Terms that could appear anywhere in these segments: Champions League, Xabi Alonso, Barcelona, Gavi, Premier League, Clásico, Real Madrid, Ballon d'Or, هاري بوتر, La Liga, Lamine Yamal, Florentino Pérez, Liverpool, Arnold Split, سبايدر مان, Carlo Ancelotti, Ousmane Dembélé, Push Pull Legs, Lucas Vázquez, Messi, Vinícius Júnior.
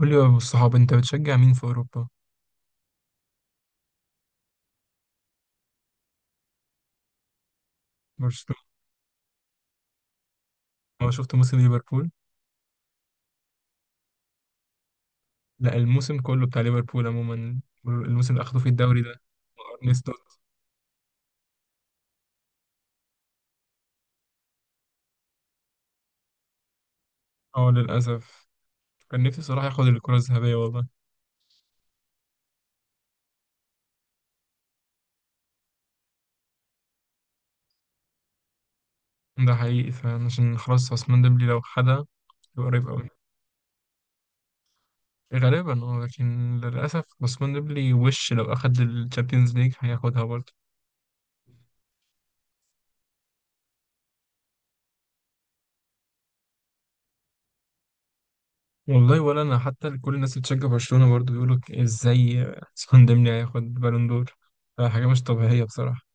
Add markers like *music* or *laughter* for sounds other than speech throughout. قول لي يا ابو الصحاب انت بتشجع مين في اوروبا؟ برشلونه. أنا شفت موسم ليفربول. لا، الموسم كله بتاع ليفربول عموما، الموسم اللي اخدوا فيه الدوري ده. نيستوت، اه للاسف. كان نفسي صراحه ياخد الكره الذهبيه والله. ده حقيقي فعلا، عشان خلاص عثمان ديمبلي لو خدها يبقى قريب قوي. غالبا اه، لكن للاسف عثمان ديمبلي وش لو اخد الشامبيونز ليج هياخدها برضه. والله ولا انا حتى، كل الناس اللي بتشجع برشلونه برضه بيقولوا ازاي عثمان ديمبلي هياخد بالون دور؟ حاجه مش طبيعيه بصراحه.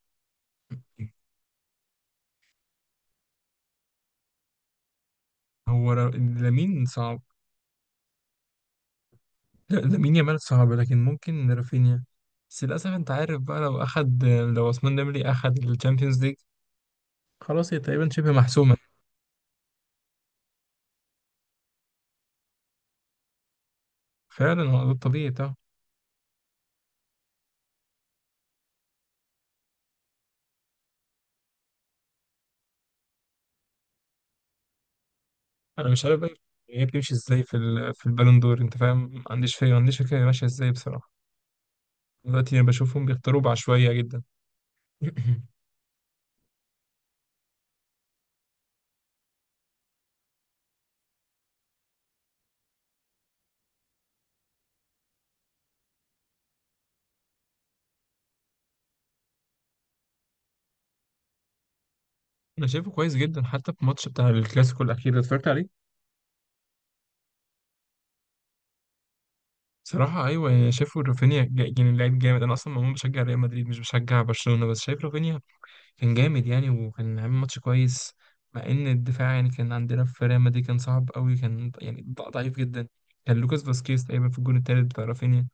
هو را- لامين صعب. لا، لامين يامال صعب، لكن ممكن رافينيا. بس للأسف أنت عارف بقى، لو أخد عثمان ديمبلي أخد الشامبيونز ليج خلاص، هي تقريبا شبه محسومة. فعلا هو ده الطبيعي بتاعه. أنا مش عارف بقى هي بتمشي إزاي في البالون دور، أنت فاهم؟ ما عنديش فكرة، هي ماشية إزاي بصراحة. دلوقتي أنا بشوفهم بيختاروا بعشوائية جدا. *clears throat* أنا شايفه كويس جدا، حتى في الماتش بتاع الكلاسيكو الأخير ده اتفرجت عليه. صراحة أيوه يعني، شايفه رافينيا يعني لعيب جامد. أنا أصلا عموما بشجع ريال مدريد، مش بشجع برشلونة، بس شايف رافينيا كان جامد يعني، وكان عامل ماتش كويس. مع ان الدفاع يعني كان عندنا في ريال مدريد كان صعب قوي، كان ضعيف جدا. كان لوكاس فاسكيز تقريبا في الجون التالت بتاع رافينيا.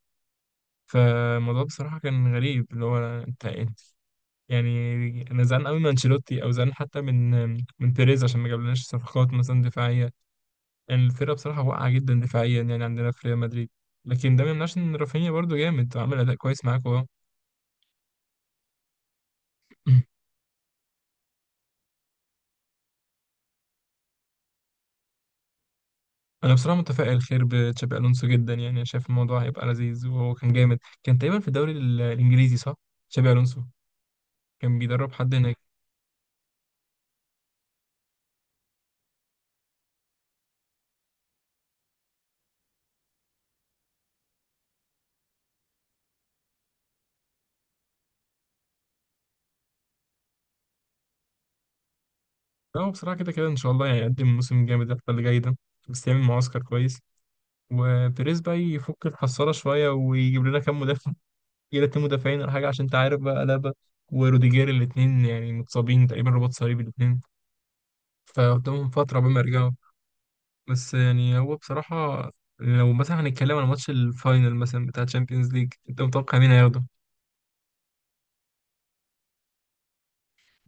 فالموضوع بصراحة كان غريب اللي هو، انت انت- يعني انا زعلان قوي من انشيلوتي، او زعلان حتى من بيريز عشان ما جابلناش صفقات مثلا دفاعية. يعني الفرقة بصراحة واقعة جدا دفاعيا، يعني عندنا في ريال مدريد. لكن ده ما يمنعش ان رافينيا برضو جامد وعمل اداء كويس معاكوا اهو. انا بصراحه متفائل خير بتشابي الونسو جدا، يعني أنا شايف الموضوع هيبقى لذيذ، وهو كان جامد، كان تقريبا في الدوري الانجليزي صح؟ تشابي الونسو كان بيدرب حد هناك. لا هو بصراحه كده كده ان شاء الله يعني يقدم موسم جامد الفتره اللي جايه ده، بس يعمل معسكر كويس، وبيريز بقى يفك الحصاله شويه ويجيب لنا كام مدافع. *laughs* يجيب لنا اتنين مدافعين ولا حاجه، عشان انت عارف بقى لابا وروديجير الاثنين يعني متصابين تقريبا رباط صليبي الاثنين، فقدامهم فتره قبل ما يرجعوا. بس يعني هو بصراحة، لو مثلا هنتكلم عن ماتش الفاينل مثلا بتاع تشامبيونز ليج، انت متوقع مين هياخده؟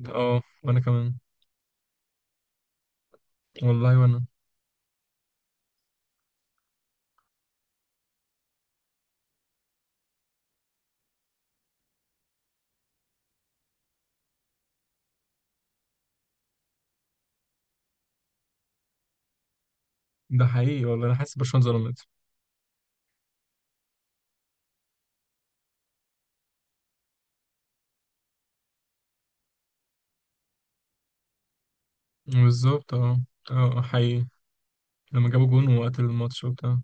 اه وانا كمان. والله وانا، ده حقيقي، والله انا حاسس برشلونة ظلمت. بالظبط اه، اه حقيقي، لما جابوا جون وقت الماتش وبتاع.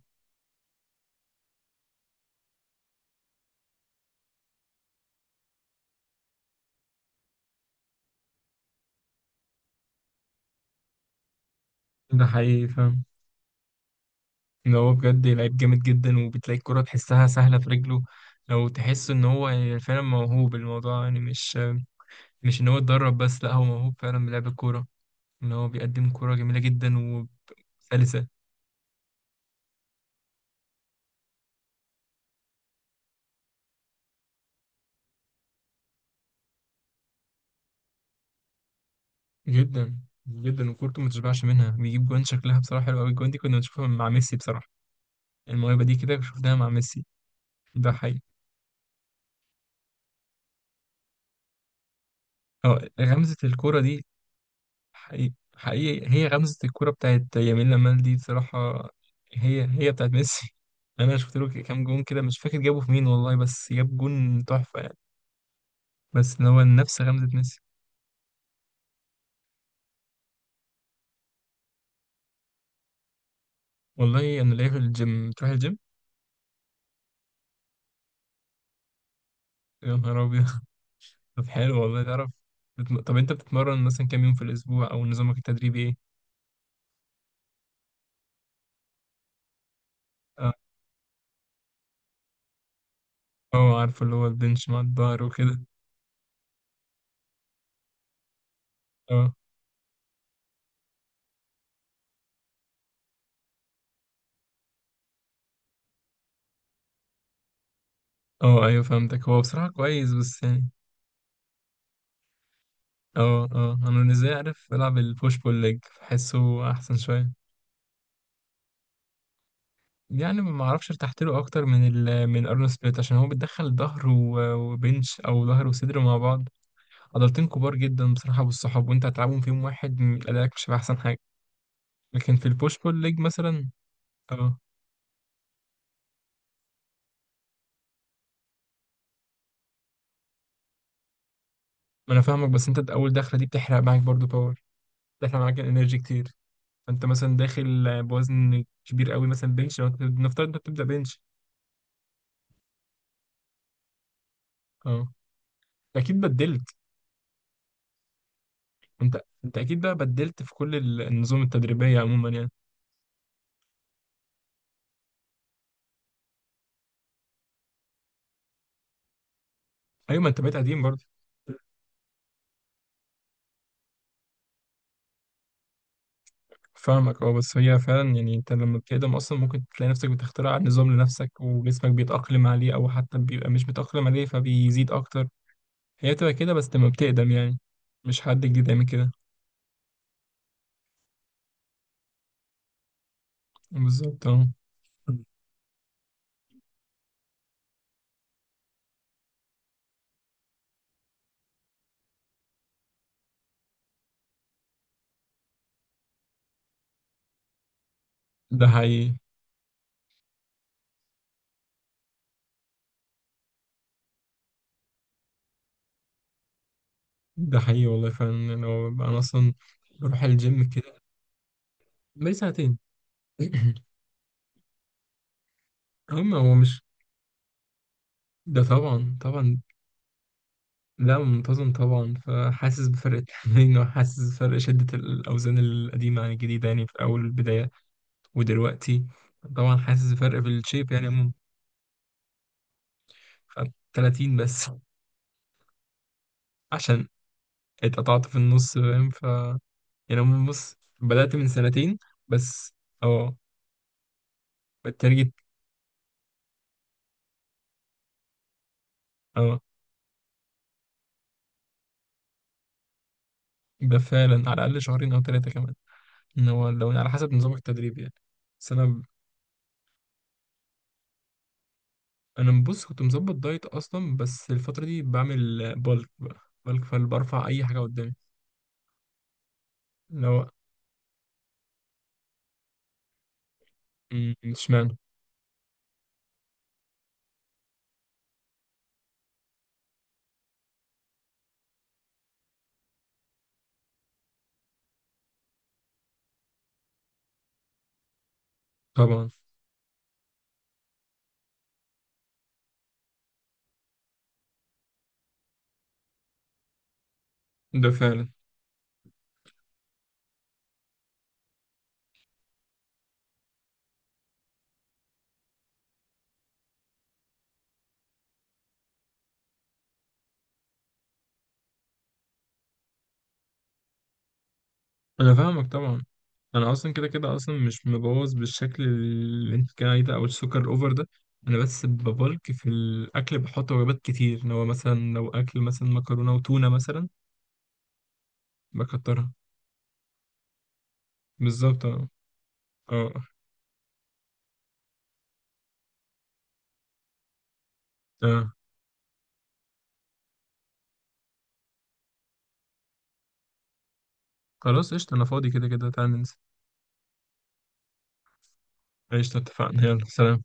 ده حقيقي فاهم، ان هو بجد لعيب جامد جدا، وبتلاقي الكرة تحسها سهلة في رجله، لو تحس ان هو يعني فعلا موهوب. الموضوع يعني مش ان هو اتدرب بس، لا هو موهوب فعلا، بلعب الكورة، ان هو بيقدم كورة جميلة جدا وسلسة. جدا جدا، وكورته ما تشبعش منها، بيجيب جوان شكلها بصراحه حلو قوي. الجوان دي كنا بنشوفها مع ميسي بصراحه، الموهبه دي كده شفناها مع ميسي. ده حقيقي. اه، غمزه الكوره دي حقيقي، حقيقي، هي غمزه الكوره بتاعت يمين لامال دي بصراحه هي بتاعت ميسي. *laughs* انا شفت له كام جون كده مش فاكر جابه في مين والله، بس جاب جون تحفه يعني، بس إن هو نفس غمزه ميسي. والله انا لاقيه في الجيم، تروح الجيم. يا نهار ابيض. *laughs* طب حلو والله، تعرف، طب انت بتتمرن مثلا كام يوم في الاسبوع، او نظامك التدريبي ايه؟ اه عارفه، اللي هو البنش مع الظهر وكده. اه اه ايوه فهمتك، هو بصراحة كويس، بس يعني اه اه، انا بالنسبة لي عارف العب البوش بول ليج، بحسه احسن شوية. يعني ما اعرفش، ارتحت له اكتر من ال من الارنولد سبليت، عشان هو بيدخل ظهر وبنش، او ظهر وصدر مع بعض، عضلتين كبار جدا بصراحة، والصحاب وانت هتلعبهم فيهم واحد ادائك مش هيبقى احسن حاجة. لكن في البوش بول ليج مثلا، اه ما انا فاهمك، بس انت اول دخلة دي بتحرق معاك برضو باور، بتحرق معاك انرجي كتير. فانت مثلا داخل بوزن كبير قوي، مثلا بنش، نفترض انت بتبدا بنش. اه اكيد بدلت. انت اكيد بقى بدلت في كل النظم التدريبيه عموما يعني. ايوه ما انت بقيت قديم برضه. فاهمك اه، بس هي فعلا يعني انت لما بتقدم اصلا ممكن تلاقي نفسك بتخترع نظام لنفسك، وجسمك بيتاقلم عليه، او حتى بيبقى مش متاقلم عليه فبيزيد اكتر. هي بتبقى كده بس لما بتقدم يعني، مش حد جديد يعمل كده. بالظبط اه، ده حقيقي. ده حقيقي والله فعلا، يعني هو بقى انا اصلا بروح الجيم كده. بقالي سنتين. *clears throat* أما هو مش، ده طبعا طبعا. لا، منتظم طبعا، فحاسس بفرق التمرين، *laughs* وحاسس بفرق شدة الأوزان القديمة عن الجديدة، يعني في أول البداية ودلوقتي. طبعا حاسس بفرق في الشيب يعني عموما. 30 بس. *laughs* عشان اتقطعت في النص فاهم، ف يعني عموما بص، بدأت من سنتين بس. اه بالتارجت. اه ده فعلا، على الأقل شهرين أو ثلاثة كمان، إن هو لو يعني على حسب نظامك التدريبي يعني. بس أنا، انا بص، كنت مظبط دايت اصلا، بس الفتره دي بعمل بالك بقى بالك، فبرفع اي حاجه قدامي. لو، اشمعنى؟ طبعا، ده فعلا، انا فاهمك طبعا. انا اصلا كده كده، اصلا مش مبوظ بالشكل اللي انت كان عليه ده، او السكر الاوفر ده. انا بس ببلك في الاكل، بحط وجبات كتير، اللي هو مثلا لو اكل مثلا مكرونه وتونه مثلا بكترها. بالظبط اه، اه آه. خلاص قشطه، انا فاضي كده كده، تعال ننسى. قشطه اتفقنا، يلا سلام.